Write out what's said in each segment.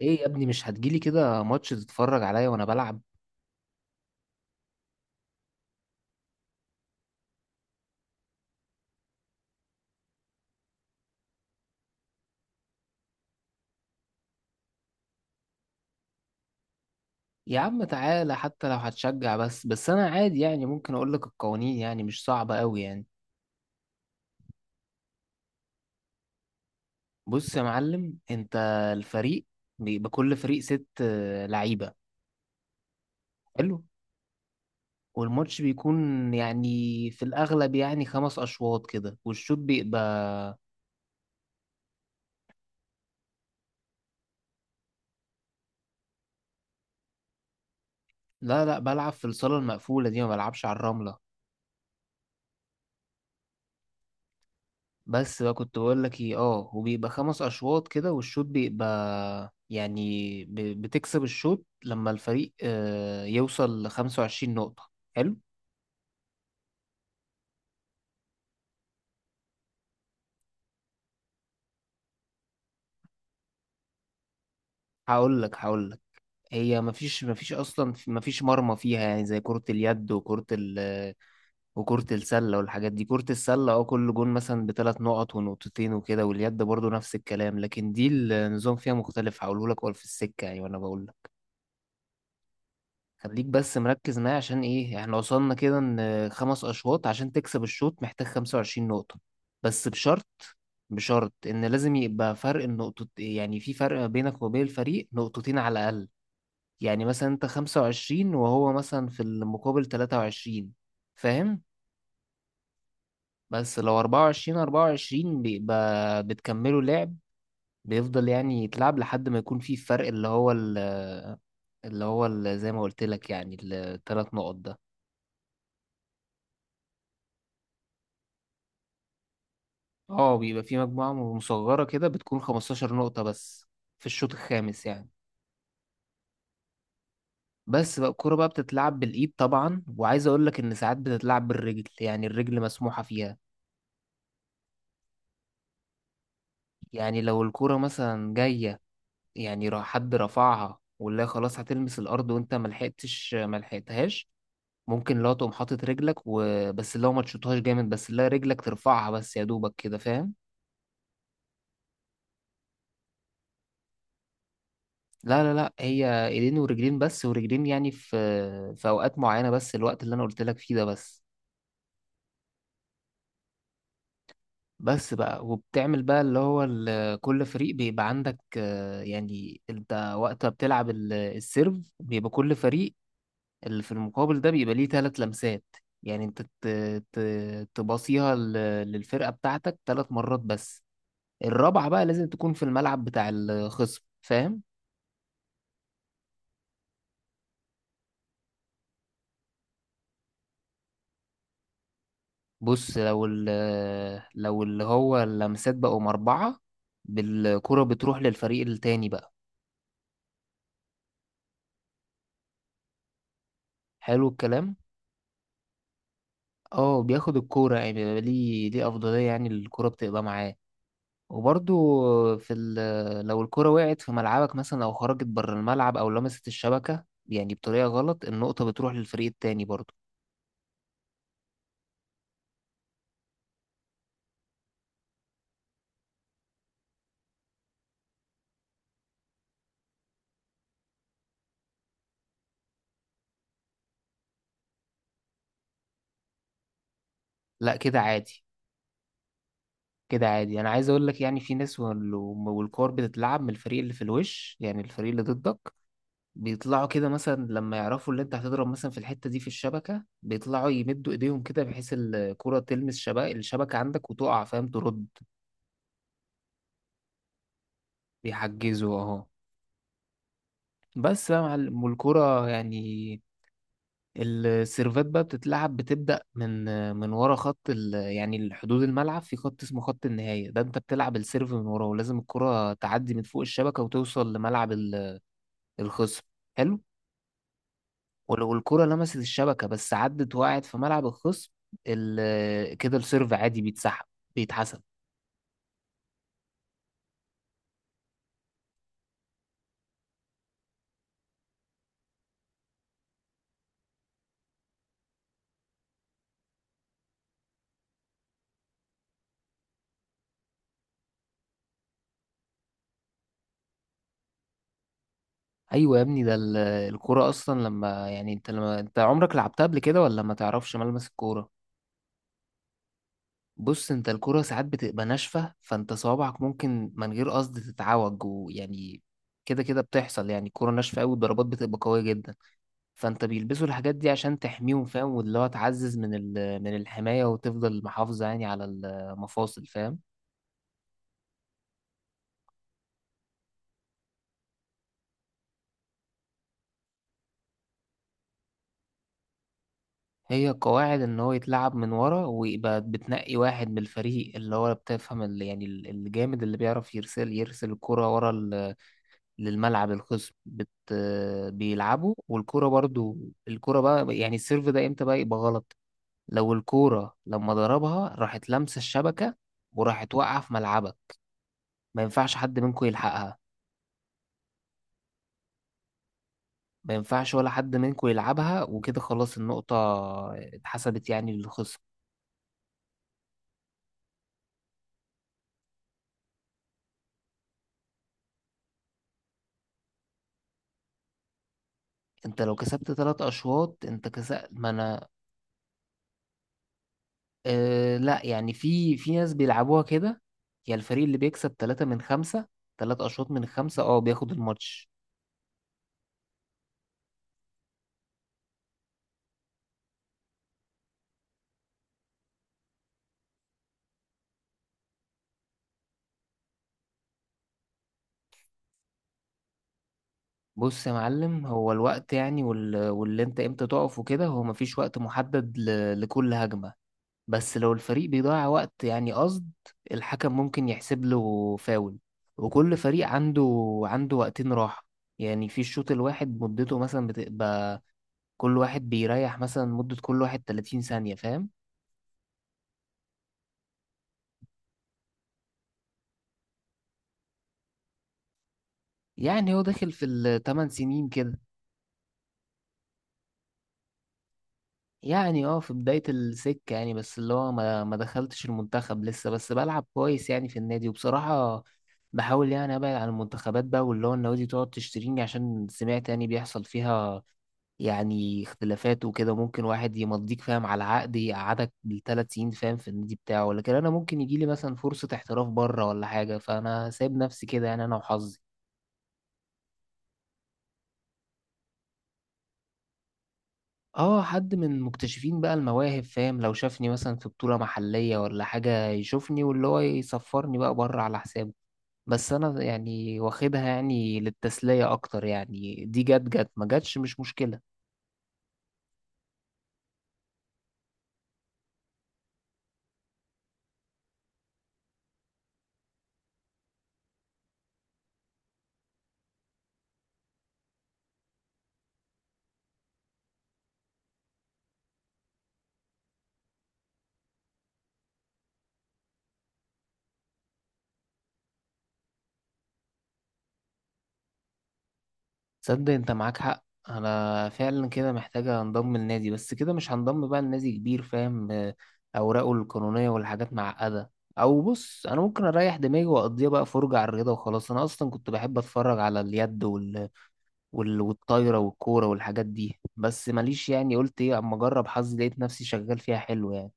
ايه يا ابني، مش هتجيلي كده ماتش تتفرج عليا وانا بلعب؟ يا عم تعالى، حتى لو هتشجع بس انا عادي يعني، ممكن اقول لك القوانين يعني مش صعبة قوي يعني. بص يا معلم، انت الفريق بيبقى كل فريق ست لعيبة. حلو. والماتش بيكون يعني في الاغلب يعني خمس اشواط كده والشوط بيبقى. لا لا، بلعب في الصالة المقفولة دي، ما بلعبش على الرملة. بس بقى كنت بقول لك ايه، وبيبقى خمس اشواط كده والشوط بيبقى يعني، بتكسب الشوط لما الفريق يوصل لخمسة وعشرين نقطة. حلو. هقول لك. هي مفيش اصلا مفيش مرمى فيها، يعني زي كرة اليد، وكرة السلة والحاجات دي. كرة السلة كل جون مثلا بثلاث نقط ونقطتين وكده. واليد برضو نفس الكلام، لكن دي النظام فيها مختلف هقوله لك ولا في السكة يعني. وانا بقول خليك بس مركز معايا، عشان ايه؟ احنا وصلنا كده ان خمس اشواط، عشان تكسب الشوط محتاج 25 نقطة. بس بشرط. بشرط ان لازم يبقى فرق النقطة، يعني في فرق بينك وبين الفريق نقطتين على الاقل. يعني مثلا انت 25 وهو مثلا في المقابل 23، فاهم؟ بس لو 24 24 بيبقى بتكملوا لعب. بيفضل يعني يتلعب لحد ما يكون في فرق، زي ما قلت لك يعني الثلاث نقط ده. اه بيبقى في مجموعة مصغرة كده، بتكون 15 نقطة بس في الشوط الخامس يعني. بس بقى، الكورة بقى بتتلعب بالإيد طبعا، وعايز أقول لك إن ساعات بتتلعب بالرجل، يعني الرجل مسموحة فيها. يعني لو الكورة مثلا جاية، يعني حد رفعها، والله خلاص هتلمس الأرض وأنت ملحقتهاش، ممكن لو تقوم حاطط رجلك وبس، لو ما تشوطهاش جامد بس، لا رجلك ترفعها بس يا دوبك كده، فاهم؟ لا لا لا، هي ايدين ورجلين بس، ورجلين يعني في اوقات معينه، بس الوقت اللي انا قلت لك فيه ده بس. بس بقى وبتعمل بقى، كل فريق بيبقى عندك يعني انت وقت ما بتلعب السيرف، بيبقى كل فريق اللي في المقابل ده بيبقى ليه 3 لمسات. يعني انت تباصيها للفرقه بتاعتك 3 مرات بس. الرابعه بقى لازم تكون في الملعب بتاع الخصم، فاهم؟ بص لو ال لو اللي هو اللمسات بقوا مربعة، بالكرة بتروح للفريق التاني بقى. حلو الكلام. اه بياخد الكورة يعني، بيبقى ليه أفضلية، يعني الكورة بتبقى معاه. وبرضو في ال لو الكرة وقعت في ملعبك مثلا، أو خرجت بره الملعب، أو لمست الشبكة يعني بطريقة غلط، النقطة بتروح للفريق التاني برضو. لا كده عادي. كده عادي، أنا عايز أقول لك يعني في ناس، والكور بتتلعب من الفريق اللي في الوش، يعني الفريق اللي ضدك. بيطلعوا كده مثلا، لما يعرفوا اللي انت هتضرب مثلا في الحتة دي في الشبكة، بيطلعوا يمدوا ايديهم كده، بحيث الكرة تلمس الشبكة عندك وتقع، فاهم؟ ترد. بيحجزوا اهو. بس بقى مع الكرة يعني، السيرفات بقى بتتلعب، بتبدأ من ورا يعني الحدود الملعب، في خط اسمه خط النهاية ده، انت بتلعب السيرف من ورا، ولازم الكرة تعدي من فوق الشبكة وتوصل لملعب الخصم. حلو. ولو الكرة لمست الشبكة بس عدت وقعت في ملعب الخصم، كده السيرف عادي بيتحسب. ايوه يا ابني، الكرة اصلا، لما انت عمرك لعبتها قبل كده ولا ما تعرفش ملمس الكرة؟ بص، انت الكرة ساعات بتبقى ناشفة، فانت صوابعك ممكن من غير قصد تتعوج ويعني كده كده بتحصل. يعني الكرة ناشفة قوي، والضربات بتبقى قوية جدا، فانت بيلبسوا الحاجات دي عشان تحميهم، فاهم؟ واللي هو تعزز من الحماية، وتفضل محافظة يعني على المفاصل، فاهم؟ هي قواعد ان هو يتلعب من ورا، ويبقى بتنقي واحد من الفريق اللي هو بتفهم، اللي يعني الجامد اللي بيعرف يرسل الكرة ورا للملعب الخصم، بيلعبوا. والكرة برضو، الكرة بقى، يعني السيرف ده امتى بقى يبقى غلط؟ لو الكرة لما ضربها راحت لمسة الشبكة، وراحت واقعة في ملعبك، ما ينفعش حد منكم يلحقها. ما ينفعش ولا حد منكم يلعبها، وكده خلاص، النقطة اتحسبت يعني للخصم. انت لو كسبت 3 اشواط انت كسبت، ما انا. أه لا، يعني في ناس بيلعبوها كده، يا الفريق اللي بيكسب 3 من 5، تلات أشواط من خمسة بياخد الماتش. بص يا معلم، هو الوقت يعني واللي انت امتى تقف وكده، هو مفيش وقت محدد لكل هجمة. بس لو الفريق بيضيع وقت يعني قصد، الحكم ممكن يحسب له فاول. وكل فريق عنده وقتين راحة، يعني في الشوط الواحد مدته مثلا بتبقى، كل واحد بيريح مثلا مدة، كل واحد 30 ثانية، فاهم؟ يعني هو داخل في الثمان سنين كده. يعني في بداية السكة يعني، بس اللي هو ما دخلتش المنتخب لسه، بس بلعب كويس يعني في النادي. وبصراحة بحاول يعني ابعد عن المنتخبات بقى، واللي هو النوادي تقعد تشتريني، عشان سمعت يعني بيحصل فيها يعني اختلافات وكده، ممكن واحد يمضيك فاهم، على عقد يقعدك بالثلاث سنين فاهم، في النادي بتاعه. لكن انا ممكن يجيلي مثلا فرصة احتراف بره ولا حاجة، فانا سايب نفسي كده يعني، انا وحظي. اه حد من مكتشفين بقى المواهب فاهم، لو شافني مثلا في بطولة محلية ولا حاجة يشوفني، واللي هو يسفرني بقى بره على حسابه. بس انا يعني واخدها يعني للتسلية اكتر، يعني دي جت جت ما جتش مش مشكلة. تصدق انت معاك حق، انا فعلا كده محتاجة انضم للنادي، بس كده مش هنضم بقى لنادي كبير، فاهم اوراقه القانونية والحاجات معقدة. او بص، انا ممكن اريح دماغي واقضيها بقى فرجة على الرياضة وخلاص. انا اصلا كنت بحب اتفرج على اليد، والطايرة والكورة والحاجات دي، بس ماليش يعني، قلت ايه، اما اجرب حظي لقيت نفسي شغال فيها حلو يعني.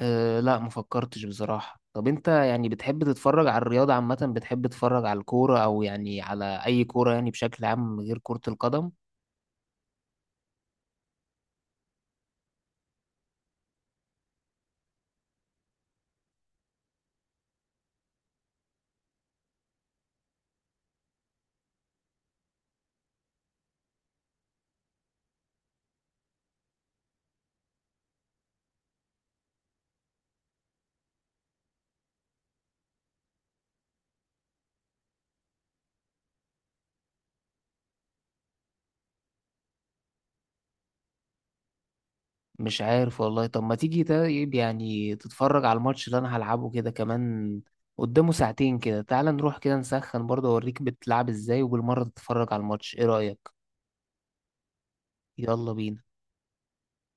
أه لا ما فكرتش بصراحة. طب انت يعني بتحب تتفرج على الرياضة عامة، بتحب تتفرج على الكورة، او يعني على اي كورة يعني بشكل عام غير كرة القدم؟ مش عارف والله. طب ما تيجي طيب، يعني تتفرج على الماتش اللي انا هلعبه كده كمان، قدامه ساعتين كده، تعال نروح كده نسخن برضه، اوريك بتلعب ازاي، وبالمرة تتفرج على الماتش، ايه رأيك؟ يلا بينا.